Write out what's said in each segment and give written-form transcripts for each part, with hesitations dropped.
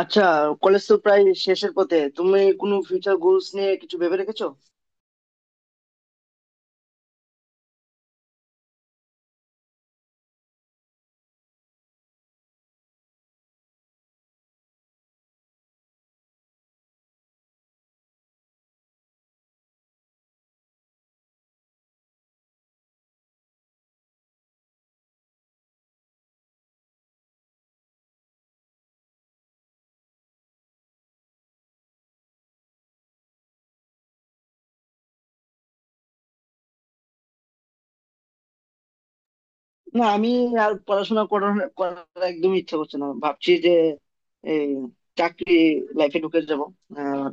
আচ্ছা, কলেজ তো প্রায় শেষের পথে। তুমি কোনো ফিউচার গোলস নিয়ে কিছু ভেবে রেখেছো? না, আমি আর পড়াশোনা করার করার একদমই ইচ্ছা করছে না, ভাবছি যে এই চাকরি লাইফে ঢুকে যাব।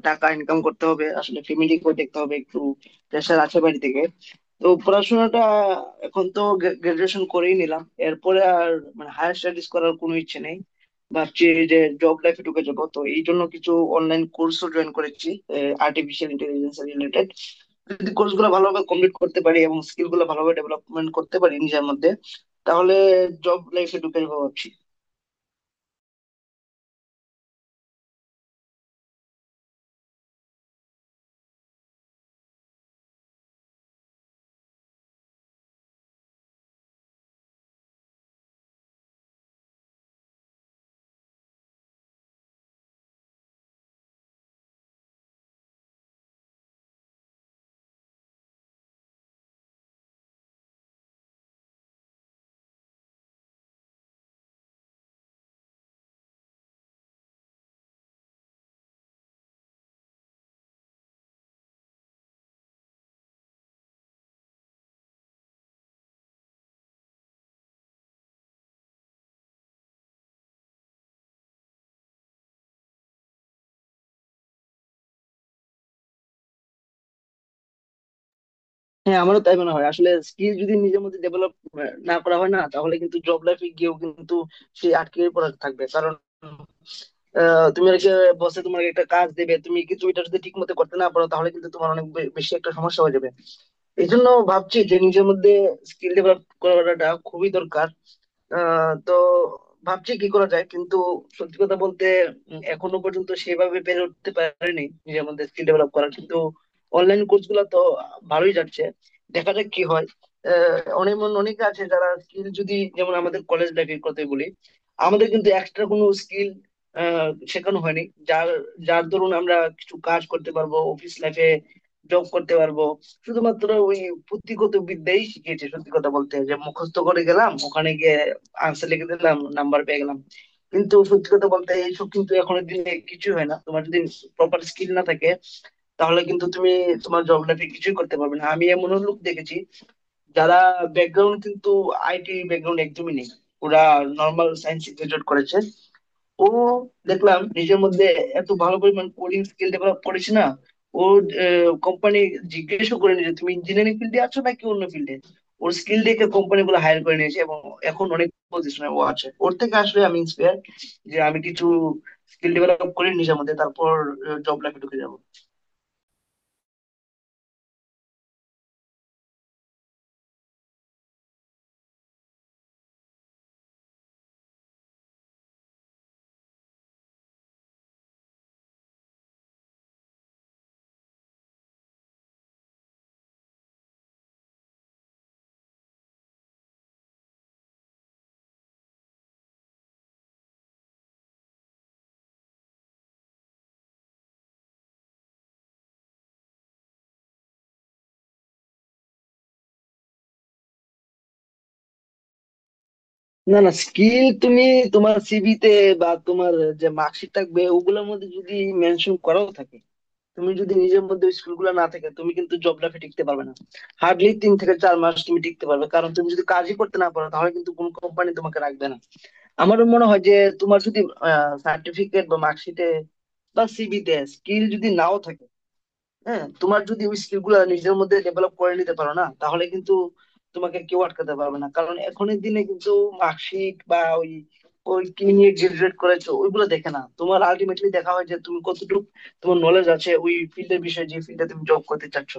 টাকা ইনকাম করতে হবে, আসলে ফ্যামিলিকেও দেখতে হবে একটু, প্রেশার আছে বাড়ি থেকে। তো পড়াশোনাটা এখন তো গ্রাজুয়েশন করেই নিলাম, এরপরে আর মানে হায়ার স্টাডিজ করার কোনো ইচ্ছে নেই। ভাবছি যে জব লাইফে ঢুকে যাবো, তো এই জন্য কিছু অনলাইন কোর্সও জয়েন করেছি আর্টিফিশিয়াল ইন্টেলিজেন্স রিলেটেড। যদি কোর্স গুলো ভালোভাবে কমপ্লিট করতে পারি এবং স্কিল গুলো ভালোভাবে ডেভেলপমেন্ট করতে পারি নিজের মধ্যে, তাহলে জব লাইফে ঢুকে যাবো ভাবছি। হ্যাঁ, আমারও তাই মনে হয়। আসলে স্কিল যদি নিজের মধ্যে ডেভেলপ না করা হয় না, তাহলে কিন্তু জব লাইফে গিয়েও কিন্তু সে আটকে পড়া থাকবে। কারণ তুমি একটা বসে তোমাকে একটা কাজ দেবে, তুমি কিন্তু এটা যদি ঠিক মতো করতে না পারো, তাহলে কিন্তু তোমার অনেক বেশি একটা সমস্যা হয়ে যাবে। এই জন্য ভাবছি যে নিজের মধ্যে স্কিল ডেভেলপ করাটা খুবই দরকার। তো ভাবছি কি করা যায়, কিন্তু সত্যি কথা বলতে এখনো পর্যন্ত সেভাবে পেরে উঠতে পারিনি নিজের মধ্যে স্কিল ডেভেলপ করা, কিন্তু অনলাইন কোর্স গুলো তো ভালোই যাচ্ছে। দেখা যাক কি হয়। অনেক অনেকে আছে যারা স্কিল, যদি যেমন আমাদের কলেজ লাইফের কথাই বলি, আমাদের কিন্তু এক্সট্রা কোনো স্কিল শেখানো হয়নি, যার যার দরুন আমরা কিছু কাজ করতে পারবো অফিস লাইফে, জব করতে পারবো। শুধুমাত্র ওই পুঁথিগত বিদ্যাই শিখিয়েছে সত্যি কথা বলতে, যে মুখস্থ করে গেলাম ওখানে গিয়ে আনসার লিখে দিলাম নাম্বার পেয়ে গেলাম। কিন্তু সত্যি কথা বলতে এইসব কিন্তু এখনের দিনে কিছু হয় না। তোমার যদি প্রপার স্কিল না থাকে, তাহলে কিন্তু তোমার জব লাইফে কিছুই করতে পারবে না। আমি এমন লোক দেখেছি যারা ব্যাকগ্রাউন্ড কিন্তু আইটি ব্যাকগ্রাউন্ড একদমই নেই। ওরা নর্মাল সায়েন্স গ্রাজুয়েট করেছে। ও দেখলাম নিজের মধ্যে এত ভালো পরিমাণ কোডিং স্কিল ডেভেলপ করেছে না। ও কোম্পানি জিজ্ঞেসও করে নিয়েছে তুমি ইঞ্জিনিয়ারিং ফিল্ডে আছো নাকি অন্য ফিল্ডে। ওর স্কিল দেখে কোম্পানি গুলো হায়ার করে নিয়েছে এবং এখন অনেক পজিশনে ও আছে। ওর থেকে আসলে আমি ইন্সপায়ার যে আমি কিছু স্কিল ডেভেলপ করি নিজের মধ্যে, তারপর জব লাইফে ঢুকে যাবো। না, না, স্কিল তুমি তোমার সিভিতে বা তোমার যে মার্কশিট থাকবে ওগুলোর মধ্যে যদি মেনশন করাও থাকে, তুমি যদি নিজের মধ্যে স্কিল গুলো না থাকে, তুমি কিন্তু জব লাইফে টিকতে পারবে না। হার্ডলি 3 থেকে 4 মাস তুমি টিকতে পারবে, কারণ তুমি যদি কাজই করতে না পারো, তাহলে কিন্তু কোন কোম্পানি তোমাকে রাখবে না। আমার মনে হয় যে তোমার যদি সার্টিফিকেট বা মার্কশিটে বা সিভিতে স্কিল যদি নাও থাকে, হ্যাঁ, তোমার যদি ওই স্কিল গুলা নিজের মধ্যে ডেভেলপ করে নিতে পারো না, তাহলে কিন্তু তোমাকে কেউ আটকাতে পারবে না। কারণ এখনের দিনে কিন্তু মার্কশিট বা ওই ওই কি নিয়ে গ্রাজুয়েট করেছো ওইগুলো দেখে না। তোমার আলটিমেটলি দেখা হয় যে তুমি কতটুকু তোমার নলেজ আছে ওই ফিল্ডের বিষয়ে, যে ফিল্ডে তুমি জব করতে চাচ্ছ।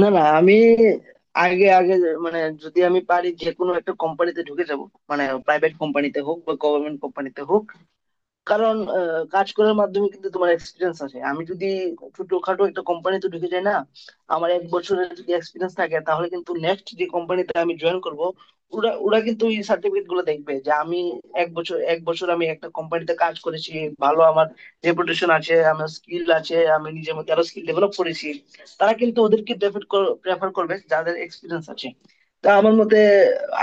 না, না, আমি আগে আগে মানে যদি আমি পারি যে কোনো একটা কোম্পানিতে ঢুকে যাব, মানে প্রাইভেট কোম্পানিতে হোক বা গভর্নমেন্ট কোম্পানিতে হোক। কারণ কাজ করার মাধ্যমে কিন্তু তোমার এক্সপিরিয়েন্স আছে। আমি যদি ছোটখাটো একটা কোম্পানিতে ঢুকে যাই না, আমার 1 বছরের যদি এক্সপিরিয়েন্স থাকে, তাহলে কিন্তু নেক্সট যে কোম্পানিতে আমি জয়েন করব, ওরা ওরা কিন্তু এই সার্টিফিকেট গুলো দেখবে যে আমি এক বছর আমি একটা কোম্পানিতে কাজ করেছি। ভালো, আমার রেপুটেশন আছে, আমার স্কিল আছে, আমি নিজের মধ্যে আরো স্কিল ডেভেলপ করেছি। তারা কিন্তু ওদেরকে প্রেফার প্রেফার করবে যাদের এক্সপিরিয়েন্স আছে। তা আমার মতে,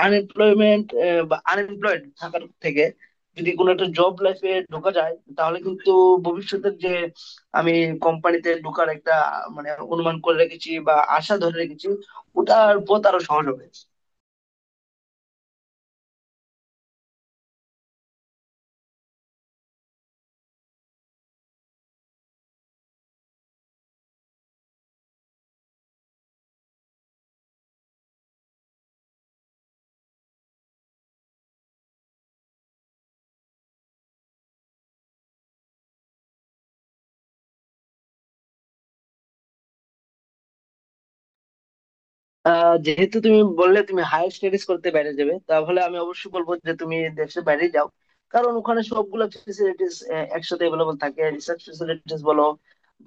আনএমপ্লয়মেন্ট বা আনএমপ্লয়েড থাকার থেকে যদি কোনো একটা জব লাইফে ঢোকা যায়, তাহলে কিন্তু ভবিষ্যতের যে আমি কোম্পানিতে ঢোকার একটা মানে অনুমান করে রেখেছি বা আশা ধরে রেখেছি, ওটার পথ আরো সহজ হবে। যেহেতু তুমি বললে তুমি হায়ার স্টাডিজ করতে বাইরে যাবে, তাহলে আমি অবশ্যই বলবো যে তুমি দেশের বাইরে যাও। কারণ ওখানে সবগুলা ফেসিলিটিস একসাথে অ্যাভেলেবল থাকে, রিসার্চ ফেসিলিটিস বলো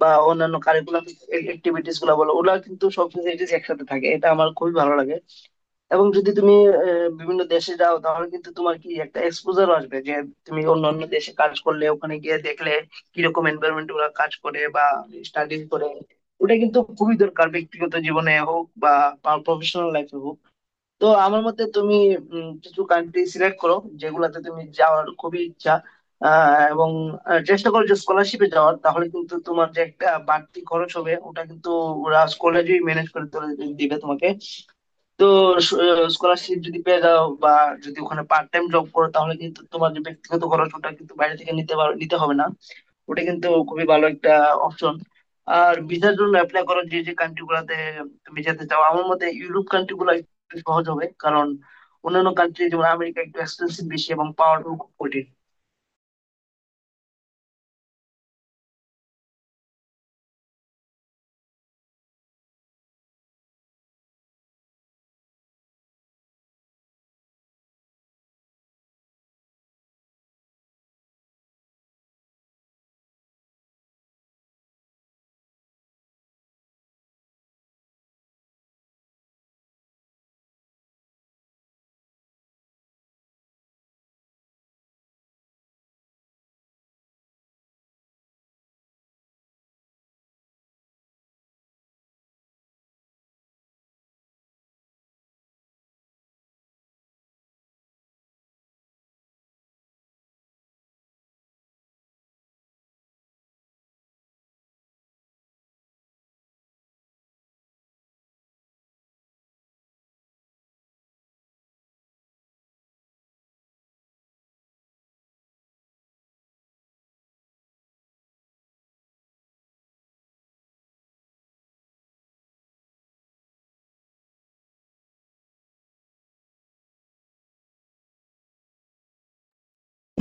বা অন্যান্য কারিকুলাম অ্যাক্টিভিটিস গুলো বলো, ওগুলা কিন্তু সব ফেসিলিটিস একসাথে থাকে। এটা আমার খুবই ভালো লাগে। এবং যদি তুমি বিভিন্ন দেশে যাও, তাহলে কিন্তু তোমার কি একটা এক্সপোজার আসবে যে তুমি অন্যান্য দেশে কাজ করলে ওখানে গিয়ে দেখলে কিরকম এনভায়রনমেন্ট ওরা কাজ করে বা স্টাডিজ করে। ওটা কিন্তু খুবই দরকার, ব্যক্তিগত জীবনে হোক বা প্রফেশনাল লাইফে হোক। তো আমার মতে তুমি কিছু কান্ট্রি সিলেক্ট করো যেগুলাতে তুমি যাওয়ার খুবই ইচ্ছা। এবং চেষ্টা করো যে স্কলারশিপে যাওয়ার, তাহলে কিন্তু তোমার যে একটা বাড়তি খরচ হবে ওটা কিন্তু ওরা কলেজেই ম্যানেজ করে তুলে দিবে তোমাকে। তো স্কলারশিপ যদি পেয়ে যাও বা যদি ওখানে পার্ট টাইম জব করো, তাহলে কিন্তু তোমার যে ব্যক্তিগত খরচ ওটা কিন্তু বাইরে থেকে নিতে পারো নিতে হবে না। ওটা কিন্তু খুবই ভালো একটা অপশন। আর ভিসার জন্য অ্যাপ্লাই করো যে যে কান্ট্রি গুলাতে তুমি যেতে চাও। আমার মতে ইউরোপ কান্ট্রি গুলো একটু সহজ হবে, কারণ অন্যান্য কান্ট্রি যেমন আমেরিকা একটু এক্সপেন্সিভ বেশি এবং পাওয়াটাও খুব কঠিন।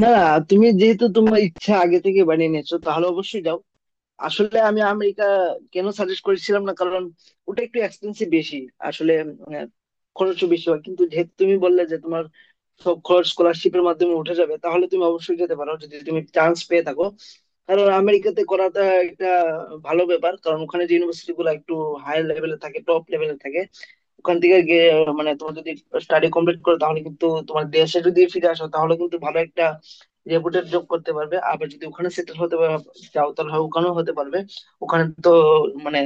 না, না, তুমি যেহেতু তোমার ইচ্ছা আগে থেকে বানিয়ে নিয়েছো, তাহলে অবশ্যই যাও। আসলে আমি আমেরিকা কেন সাজেস্ট করেছিলাম না, কারণ ওটা একটু এক্সপেন্সিভ বেশি, আসলে আহ, খরচও বেশি হয়। কিন্তু যেহেতু তুমি বললে যে তোমার সব খরচ স্কলারশিপের মাধ্যমে উঠে যাবে, তাহলে তুমি অবশ্যই যেতে পারো যদি তুমি চান্স পেয়ে থাকো। কারণ আমেরিকাতে করাটা একটা ভালো ব্যাপার, কারণ ওখানে যে ইউনিভার্সিটি গুলো একটু হাই লেভেলে থাকে, টপ লেভেলে থাকে। ওখান থেকে মানে তোমার যদি স্টাডি কমপ্লিট করো, তাহলে কিন্তু তোমার দেশে যদি ফিরে আসো, তাহলে কিন্তু ভালো একটা রেপুটেড জব করতে পারবে। আবার যদি ওখানে সেটেল হতে চাও, তাহলে হয় ওখানেও হতে পারবে। ওখানে তো মানে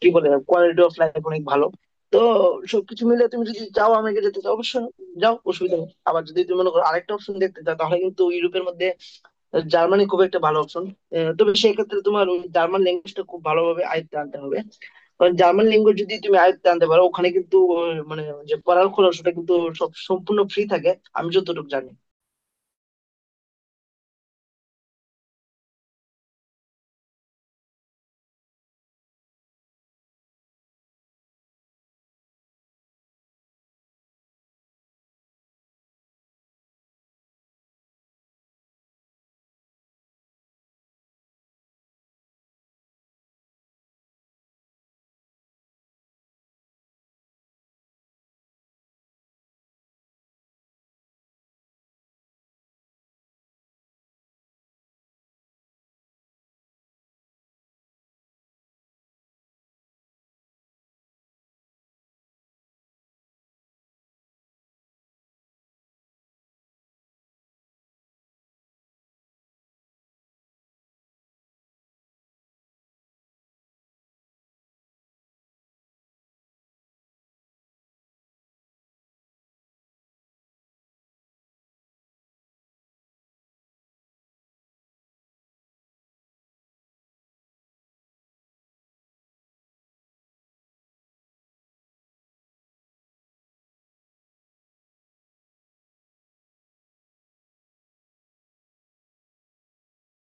কি বলে কোয়ালিটি অফ লাইফ অনেক ভালো। তো সবকিছু মিলে, তুমি যদি চাও আমেরিকা যেতে চাও, অবশ্যই যাও, অসুবিধা নেই। আবার যদি তুমি মনে করো আরেকটা অপশন দেখতে চাও, তাহলে কিন্তু ইউরোপের মধ্যে জার্মানি খুব একটা ভালো অপশন। তবে সেক্ষেত্রে তোমার জার্মান ল্যাঙ্গুয়েজটা খুব ভালোভাবে আয়ত্তে আনতে হবে। কারণ জার্মান ল্যাঙ্গুয়েজ যদি তুমি আয়ত্তে আনতে পারো ওখানে কিন্তু মানে যে পড়ার খরচ ওটা কিন্তু সম্পূর্ণ ফ্রি থাকে, আমি যতটুকু জানি।